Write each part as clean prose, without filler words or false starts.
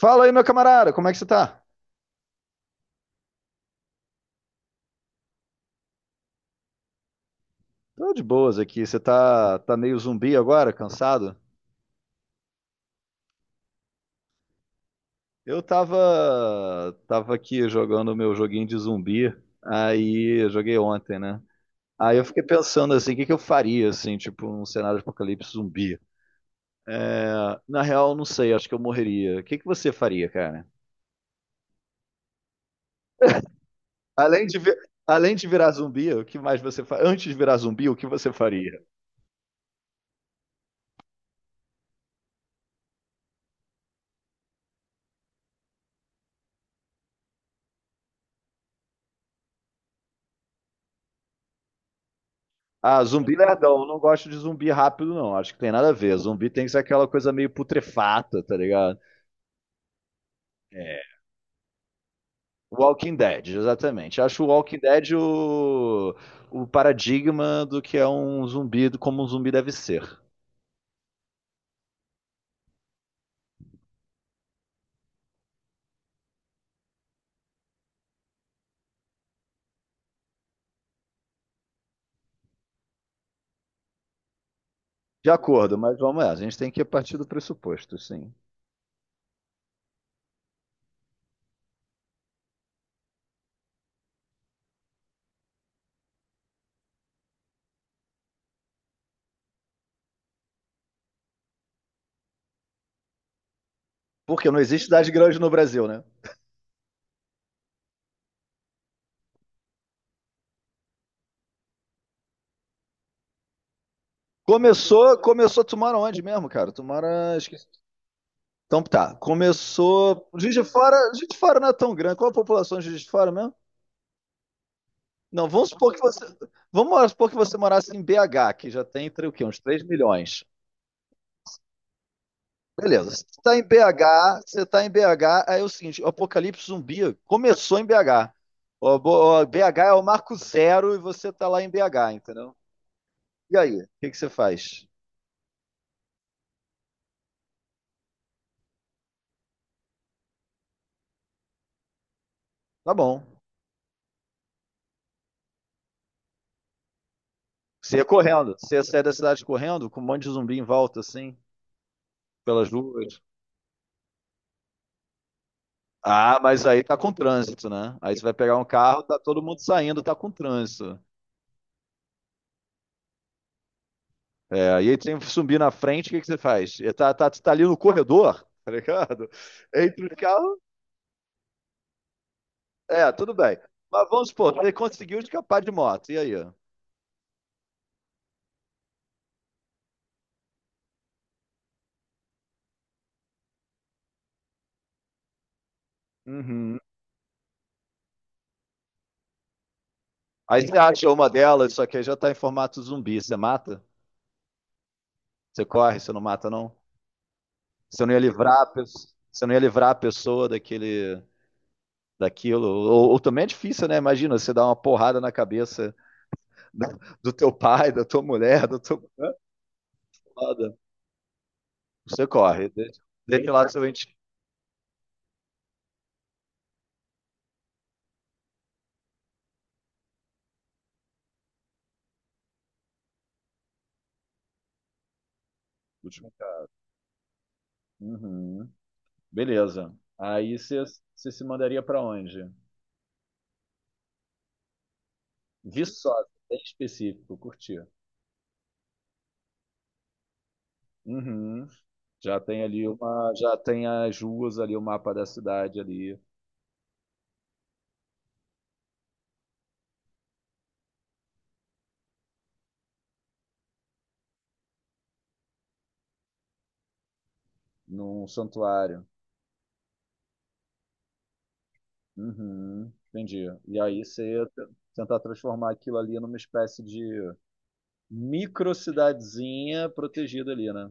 Fala aí, meu camarada, como é que você tá? Tô de boas aqui. Você tá meio zumbi agora, cansado? Eu tava, tava aqui jogando meu joguinho de zumbi. Aí, eu joguei ontem, né? Aí eu fiquei pensando assim, o que que eu faria, assim, tipo, um cenário de apocalipse zumbi? É, na real, não sei, acho que eu morreria. O que que você faria, cara? Além de, vi- Além de virar zumbi, o que mais você faria? Antes de virar zumbi, o que você faria? Ah, zumbi lerdão. Eu não gosto de zumbi rápido, não. Acho que tem nada a ver. Zumbi tem que ser aquela coisa meio putrefata, tá ligado? É. Walking Dead, exatamente. Acho o Walking Dead o paradigma do que é um zumbi, do como um zumbi deve ser. De acordo, mas vamos lá. A gente tem que partir do pressuposto, sim. Porque não existe cidade grande no Brasil, né? Começou, tu mora onde mesmo, cara? Tu mora, esqueci. Então tá, começou, Juiz de Fora não é tão grande, qual a população de Juiz de Fora mesmo? Não, vamos supor que você. Vamos supor que você morasse em BH, que já tem entre o quê? Uns 3 milhões. Beleza. Você está em BH, aí é o seguinte, o Apocalipse Zumbi começou em BH. O BH é o marco zero e você está lá em BH, entendeu? E aí, o que que você faz? Tá bom. Você ia correndo. Você ia sair da cidade correndo com um monte de zumbi em volta, assim, pelas ruas. Ah, mas aí tá com trânsito, né? Aí você vai pegar um carro, tá todo mundo saindo, tá com trânsito. É, e aí tem que subir na frente, o que, que você faz? Tá ali no corredor, tá ligado? Entre os carros, é, tudo bem. Mas vamos supor, você conseguiu escapar de moto, e aí? Uhum. Aí você acha uma delas, só que aí já tá em formato zumbi, você mata? Você corre, você não mata, não? Você não ia livrar a pessoa, você não ia livrar a pessoa daquilo. Ou também é difícil, né? Imagina, você dá uma porrada na cabeça do, do teu pai, da tua mulher, do teu... Foda. Você corre, deixa, deixa lá seu ente. Uhum. Beleza. Aí você se mandaria para onde? Viçosa, bem específico, curtir. Uhum. Já tem ali uma, já tem as ruas ali, o mapa da cidade ali, num santuário. Uhum. Entendi. Tentar transformar aquilo ali numa espécie de micro cidadezinha protegida ali, né?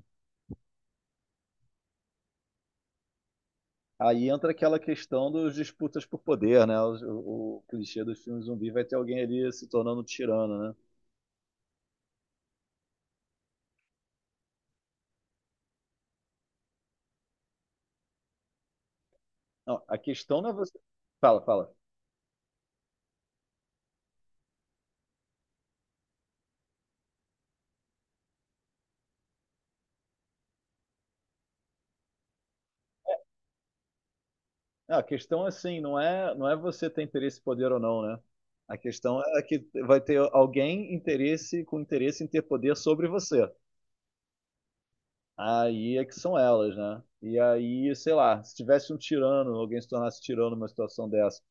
Aí entra aquela questão dos disputas por poder, né? O clichê dos filmes zumbi vai ter alguém ali se tornando um tirano, né? Não, a questão não é você. Fala, fala. Não, a questão assim, não é você ter interesse, poder ou não, né? A questão é que vai ter alguém interesse com interesse em ter poder sobre você. Aí é que são elas, né? E aí, sei lá, se tivesse um tirano, alguém se tornasse tirano numa situação dessa.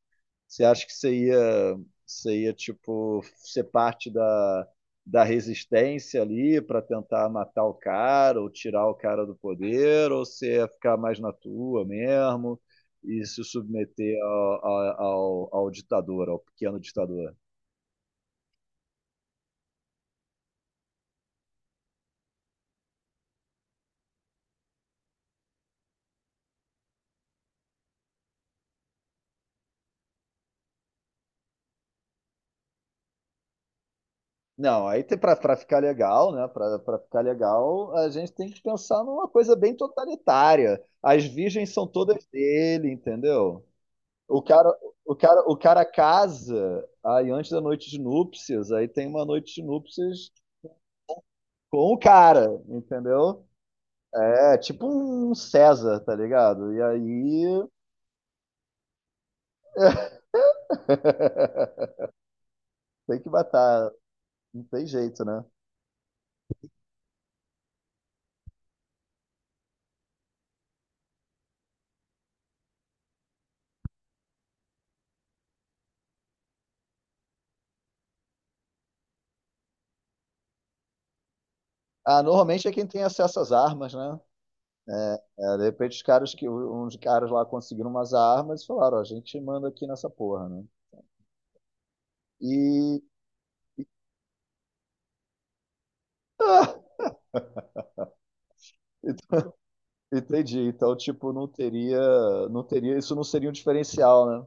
Você acha que você ia tipo, ser parte da resistência ali para tentar matar o cara ou tirar o cara do poder? Ou você ia ficar mais na tua mesmo e se submeter ao ditador, ao pequeno ditador? Não, aí para ficar legal, né? Para ficar legal, a gente tem que pensar numa coisa bem totalitária. As virgens são todas dele, entendeu? O cara, o cara casa aí antes da noite de núpcias, aí tem uma noite de núpcias com o cara, entendeu? É tipo um César, tá ligado? E aí tem que matar, não tem jeito, né? Ah, normalmente é quem tem acesso às armas, né? É, de repente os caras que uns caras lá conseguiram umas armas e falaram, ó, a gente manda aqui nessa porra, né? E ah, ent- entendi. Então, tipo, não teria, isso não seria um diferencial, né?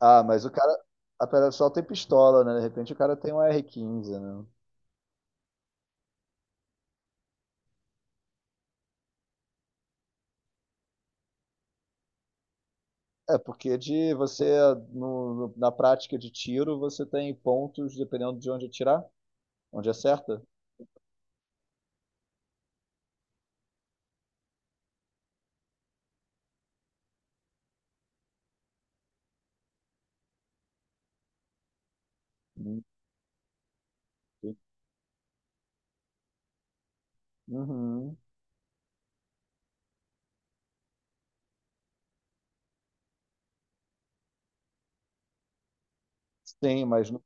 Ah, mas o cara. A pedra sol tem pistola, né? De repente o cara tem um R15, né? É, porque de na prática de tiro, você tem pontos dependendo de onde atirar, onde acerta. Uhum. Sim, mas, no-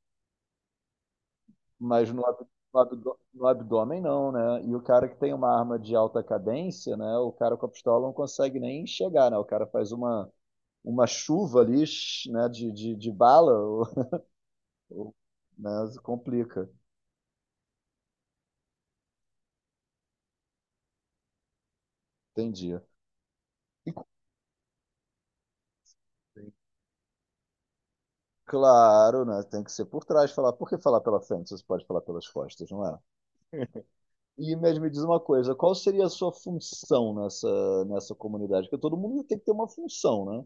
mas no, ab- no abdômen não, né? E o cara que tem uma arma de alta cadência, né? O cara com a pistola não consegue nem chegar, né? O cara faz uma chuva ali, né? De bala, o- né? Complica. Entendi. Claro, né? Tem que ser por trás falar. Por que falar pela frente? Você pode falar pelas costas, não é? E mesmo me diz uma coisa, qual seria a sua função nessa comunidade? Porque todo mundo tem que ter uma função, né?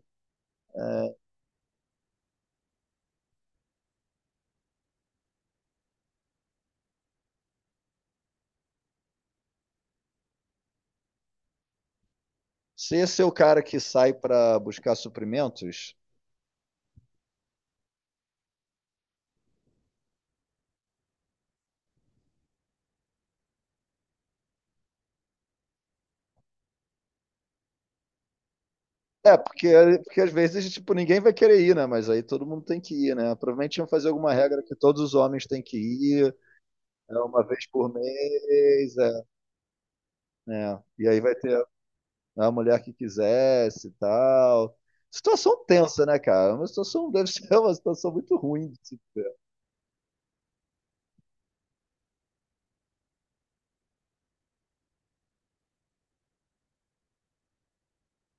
Se esse é o cara que sai para buscar suprimentos, é, porque às vezes, tipo, ninguém vai querer ir, né? Mas aí todo mundo tem que ir, né? Provavelmente iam fazer alguma regra que todos os homens têm que ir, é, uma vez por mês, é, né? E aí vai ter né, a mulher que quisesse e tal. Situação tensa, né, cara? Uma situação deve ser uma situação muito ruim. De se-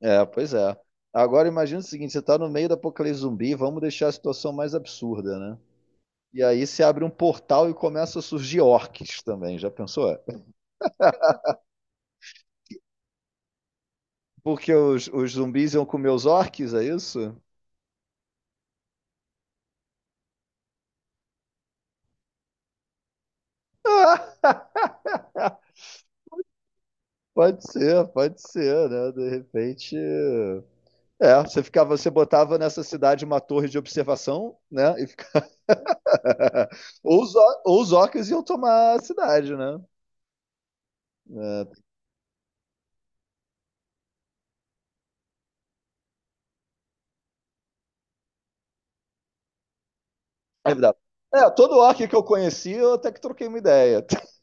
É, pois é. Agora imagina o seguinte, você está no meio da apocalipse zumbi, vamos deixar a situação mais absurda, né? E aí se abre um portal e começa a surgir orques também, já pensou? É. Porque os zumbis iam comer os orques, é isso? Pode ser, né? De repente. É, você ficava, você botava nessa cidade uma torre de observação, né? E ou os orcs iam tomar a cidade, né? É, é verdade. É, todo orc que eu conheci, eu até que troquei uma ideia.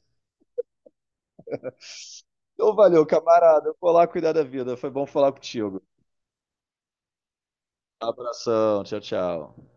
Então, valeu, camarada. Eu vou lá cuidar da vida. Foi bom falar contigo. Abração, tchau, tchau.